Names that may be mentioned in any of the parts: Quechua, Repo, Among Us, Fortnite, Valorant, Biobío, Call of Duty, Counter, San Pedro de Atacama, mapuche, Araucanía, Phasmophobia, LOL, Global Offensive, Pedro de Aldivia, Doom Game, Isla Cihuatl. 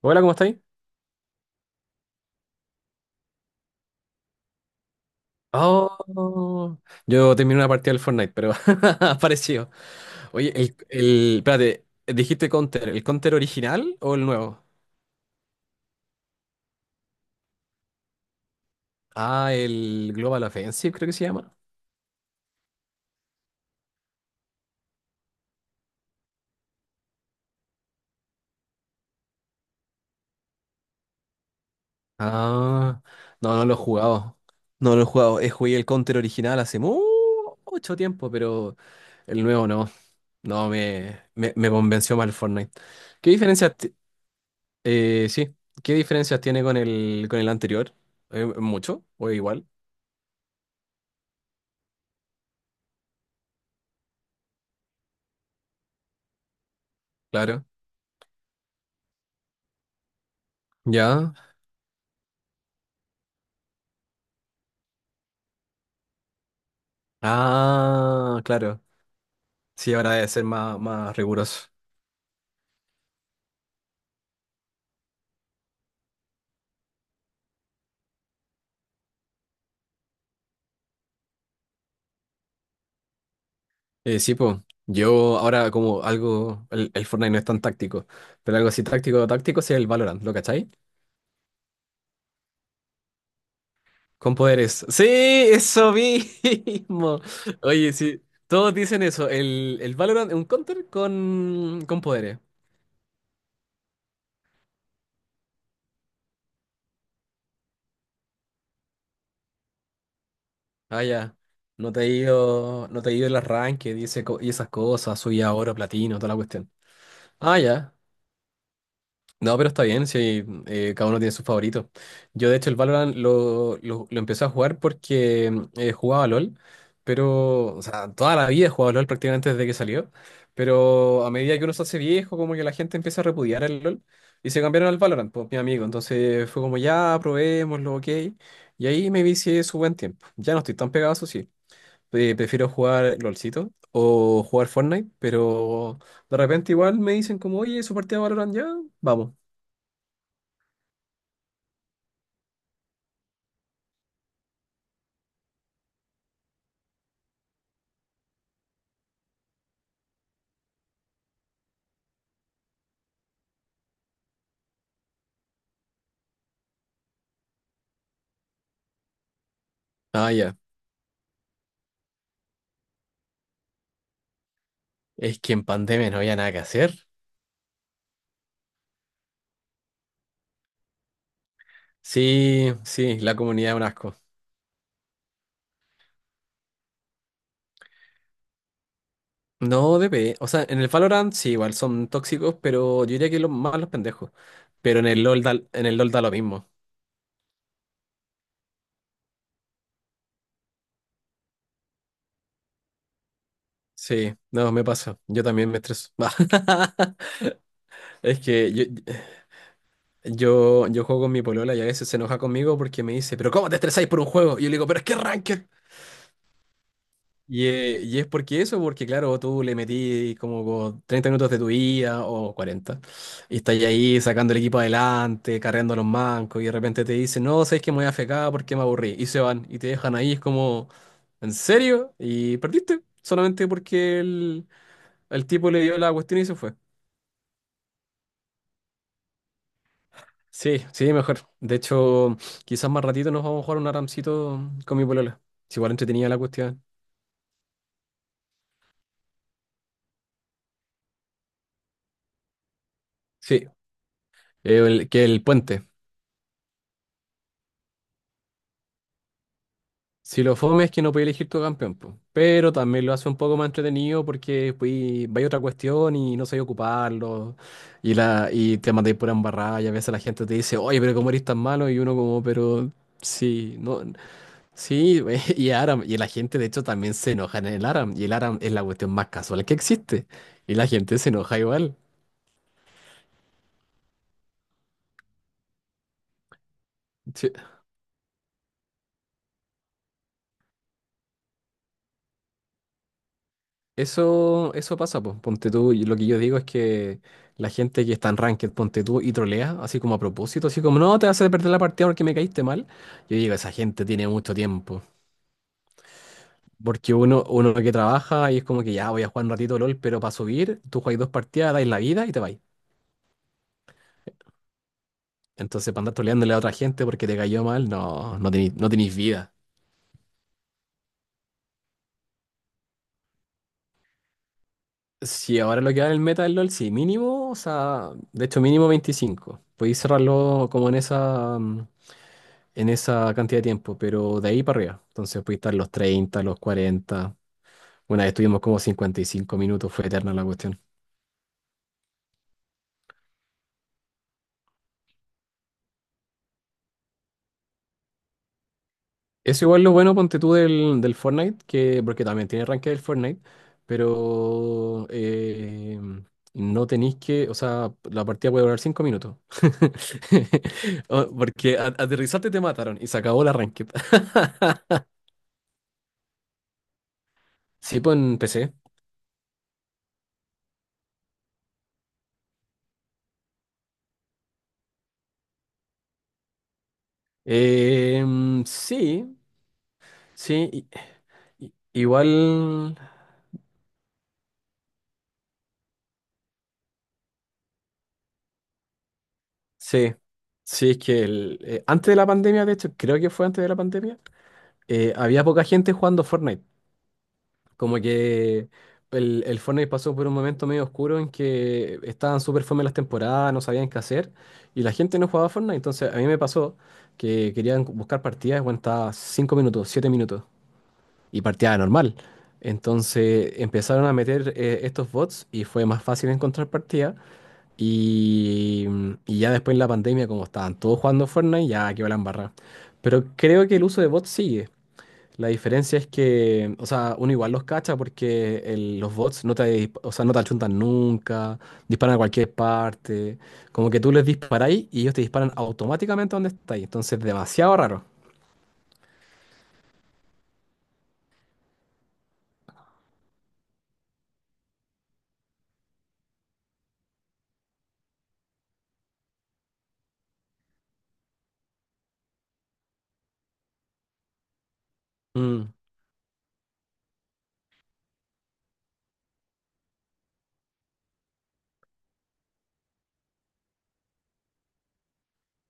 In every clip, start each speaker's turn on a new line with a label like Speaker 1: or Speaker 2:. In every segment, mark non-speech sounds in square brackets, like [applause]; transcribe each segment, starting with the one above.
Speaker 1: Hola, ¿cómo estáis? Oh, yo terminé una partida del Fortnite, pero [laughs] apareció. Oye, espérate, dijiste Counter, ¿el Counter original o el nuevo? Ah, el Global Offensive creo que se llama. Ah, no, no lo he jugado. No lo he jugado. He jugué el Counter original hace mucho tiempo, pero el nuevo no. No me convenció más el Fortnite. ¿Qué diferencias, sí, qué diferencias tiene con el anterior? ¿Mucho o igual? Claro. ¿Ya? Ah, claro. Sí, ahora debe ser más riguroso. Sí, pues. Yo ahora como algo, el Fortnite no es tan táctico, pero algo así táctico, táctico sí es el Valorant, ¿lo cachai? Con poderes. Sí, eso mismo. [laughs] Oye, sí, todos dicen eso. El Valorant es un counter con poderes. Ah, ya. No te he ido el arranque, dice y esas cosas, soy ahora platino, toda la cuestión. Ah, ya. No, pero está bien, si cada uno tiene su favorito. Yo, de hecho, el Valorant lo empecé a jugar porque jugaba LOL, pero, o sea, toda la vida he jugado LOL prácticamente desde que salió, pero a medida que uno se hace viejo, como que la gente empieza a repudiar el LOL y se cambiaron al Valorant, pues mi amigo. Entonces fue como, ya, probémoslo, ok. Y ahí me vicié su buen tiempo. Ya no estoy tan pegado, eso sí. Prefiero jugar LOLcito o jugar Fortnite, pero de repente igual me dicen como, oye, su partida de Valorant ya, vamos. Ah, ya. Es que en pandemia no había nada que hacer. Sí, sí, la comunidad es un asco. No, DP. O sea, en el Valorant sí, igual son tóxicos, pero yo diría que los más los pendejos. Pero en el LOL da lo mismo. Sí, no, me pasa. Yo también me estreso. [laughs] Es que yo juego con mi polola y a veces se enoja conmigo porque me dice, pero ¿cómo te estresáis por un juego? Y yo le digo, pero es que ranked. Y es porque eso, porque claro, tú le metí como 30 minutos de tu vida o 40 y estás ahí sacando el equipo adelante, carreando a los mancos, y de repente te dicen, no, sabes que me voy a fecar porque me aburrí, y se van, y te dejan ahí, es como, ¿en serio? Y perdiste, solamente porque el tipo le dio la cuestión y se fue. Sí, sí, mejor. De hecho, quizás más ratito nos vamos a jugar un aramcito con mi polola. Es igual entretenida la cuestión. Sí, que el puente. Si lo fome es que no podéis elegir tu campeón, po. Pero también lo hace un poco más entretenido porque pues, vais a otra cuestión y no sabéis ocuparlo y te mandáis por embarrada y a veces la gente te dice, oye, pero ¿cómo eres tan malo? Y uno como, pero sí, no, sí, [laughs] y Aram. Y la gente de hecho también se enoja en el Aram y el Aram es la cuestión más casual que existe y la gente se enoja igual. Sí, eso pasa, pues. Ponte tú, y lo que yo digo es que la gente que está en ranked, ponte tú y trolea, así como a propósito, así como, no, te vas a perder la partida porque me caíste mal. Yo digo, esa gente tiene mucho tiempo. Porque uno que trabaja y es como que ya voy a jugar un ratito LOL, pero para subir, tú juegas dos partidas, dais la vida y te vais. Entonces, para andar troleándole a otra gente porque te cayó mal, no, no tenéis vida. Si ahora lo que va en el meta del LOL, sí, mínimo, o sea, de hecho mínimo 25. Podéis cerrarlo como en en esa cantidad de tiempo, pero de ahí para arriba. Entonces pudiste estar los 30, los 40. Una vez estuvimos como 55 minutos, fue eterna la cuestión. Eso igual lo bueno, ponte tú del Fortnite, que, porque también tiene ranking del Fortnite, pero no tenéis que, o sea, la partida puede durar 5 minutos. [laughs] Porque aterrizarte te mataron y se acabó la ranked. [laughs] Sí, pues en PC. Sí, sí. Igual. Sí, sí, es que antes de la pandemia, de hecho, creo que fue antes de la pandemia, había poca gente jugando Fortnite. Como que el Fortnite pasó por un momento medio oscuro en que estaban súper fome las temporadas, no sabían qué hacer y la gente no jugaba Fortnite. Entonces a mí me pasó que querían buscar partidas, bueno, estaba 5 minutos, 7 minutos y partida normal. Entonces empezaron a meter estos bots y fue más fácil encontrar partidas. Y, y ya después en la pandemia, como estaban todos jugando Fortnite, ya quedó la embarrada. Pero creo que el uso de bots sigue. La diferencia es que, o sea, uno igual los cacha porque los bots no te, dis- o sea, no te achuntan nunca, disparan a cualquier parte. Como que tú les disparáis y ellos te disparan automáticamente donde estáis. Entonces, demasiado raro. Mm.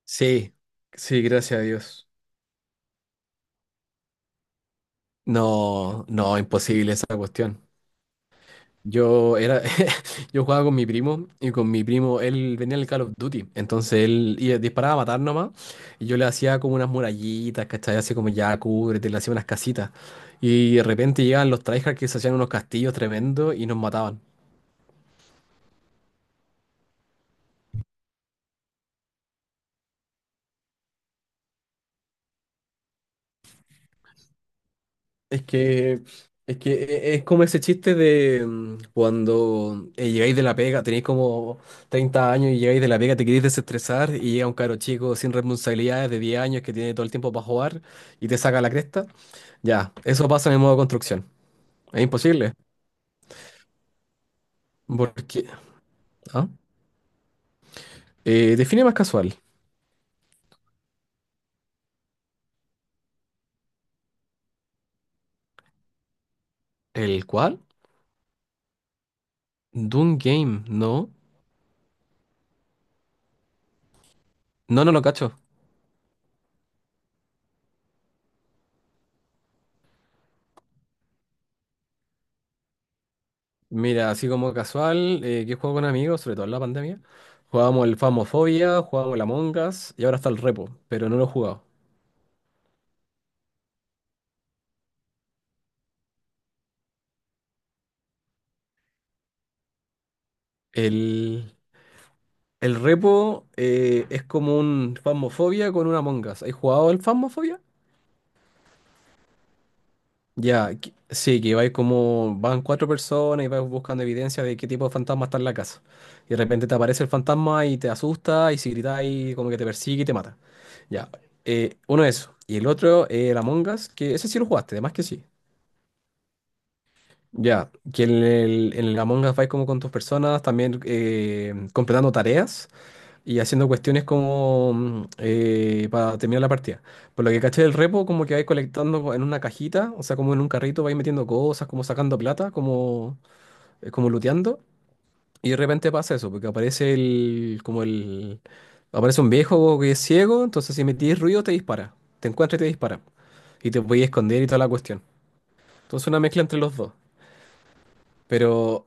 Speaker 1: Sí, sí, gracias a Dios. No, no, imposible esa cuestión. Yo era, [laughs] yo jugaba con mi primo y con mi primo él venía el Call of Duty, entonces él disparaba a matar nomás y yo le hacía como unas murallitas, ¿cachai? Así como ya cúbrete, le hacía unas casitas y de repente llegaban los tryhards que se hacían unos castillos tremendos y nos mataban. Es que, es que es como ese chiste de cuando llegáis de la pega, tenéis como 30 años y llegáis de la pega, te queréis desestresar y llega un caro chico sin responsabilidades de 10 años que tiene todo el tiempo para jugar y te saca la cresta. Ya, eso pasa en el modo construcción. Es imposible. Porque. ¿Ah? Define más casual. ¿El cual? Doom Game, no. No, no lo cacho. Mira, así como casual, que juego con amigos, sobre todo en la pandemia. Jugábamos el Phasmophobia, jugábamos el Among Us y ahora está el Repo, pero no lo he jugado. El, el Repo es como un Phasmophobia con un Among Us. ¿Has jugado el Phasmophobia? Ya, sí, que vais como, van cuatro personas y vais buscando evidencia de qué tipo de fantasma está en la casa. Y de repente te aparece el fantasma y te asusta y si gritáis como que te persigue y te mata. Ya, uno eso. Y el otro, el Among Us, que ese sí lo jugaste, además que sí. Ya, que en el Among Us vais como con tus personas, también completando tareas y haciendo cuestiones como para terminar la partida. Por lo que caché del repo, como que vais colectando en una cajita, o sea, como en un carrito vais metiendo cosas, como sacando plata, como looteando. Y de repente pasa eso, porque aparece el, como el, aparece un viejo que es ciego, entonces si metís ruido te dispara, te encuentra y te dispara. Y te voy a esconder y toda la cuestión. Entonces una mezcla entre los dos. Pero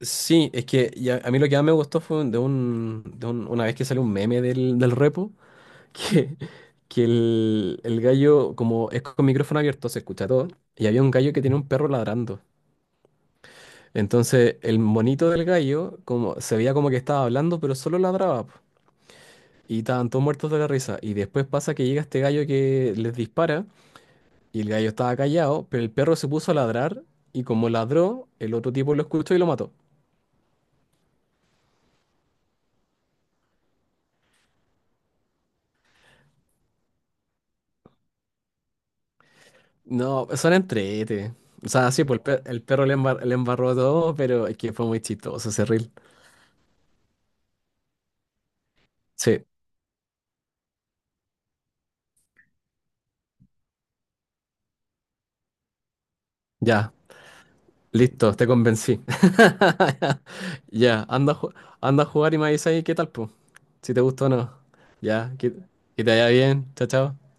Speaker 1: sí, es que a mí lo que más me gustó fue de una vez que salió un meme del repo, que, que el gallo, como es con micrófono abierto, se escucha todo, y había un gallo que tenía un perro ladrando. Entonces el monito del gallo como, se veía como que estaba hablando, pero solo ladraba, po. Y estaban todos muertos de la risa. Y después pasa que llega este gallo que les dispara, y el gallo estaba callado, pero el perro se puso a ladrar, y como ladró, el otro tipo lo escuchó y lo mató. No, son entrete. O sea, sí, pues el perro le embarró todo, pero es que fue muy chistoso ese reel. Sí, ya. Listo, te convencí. [laughs] Ya, anda, anda a jugar y me avisas ahí qué tal, pues. Si te gustó o no. Ya, que te vaya bien. Chao, chao.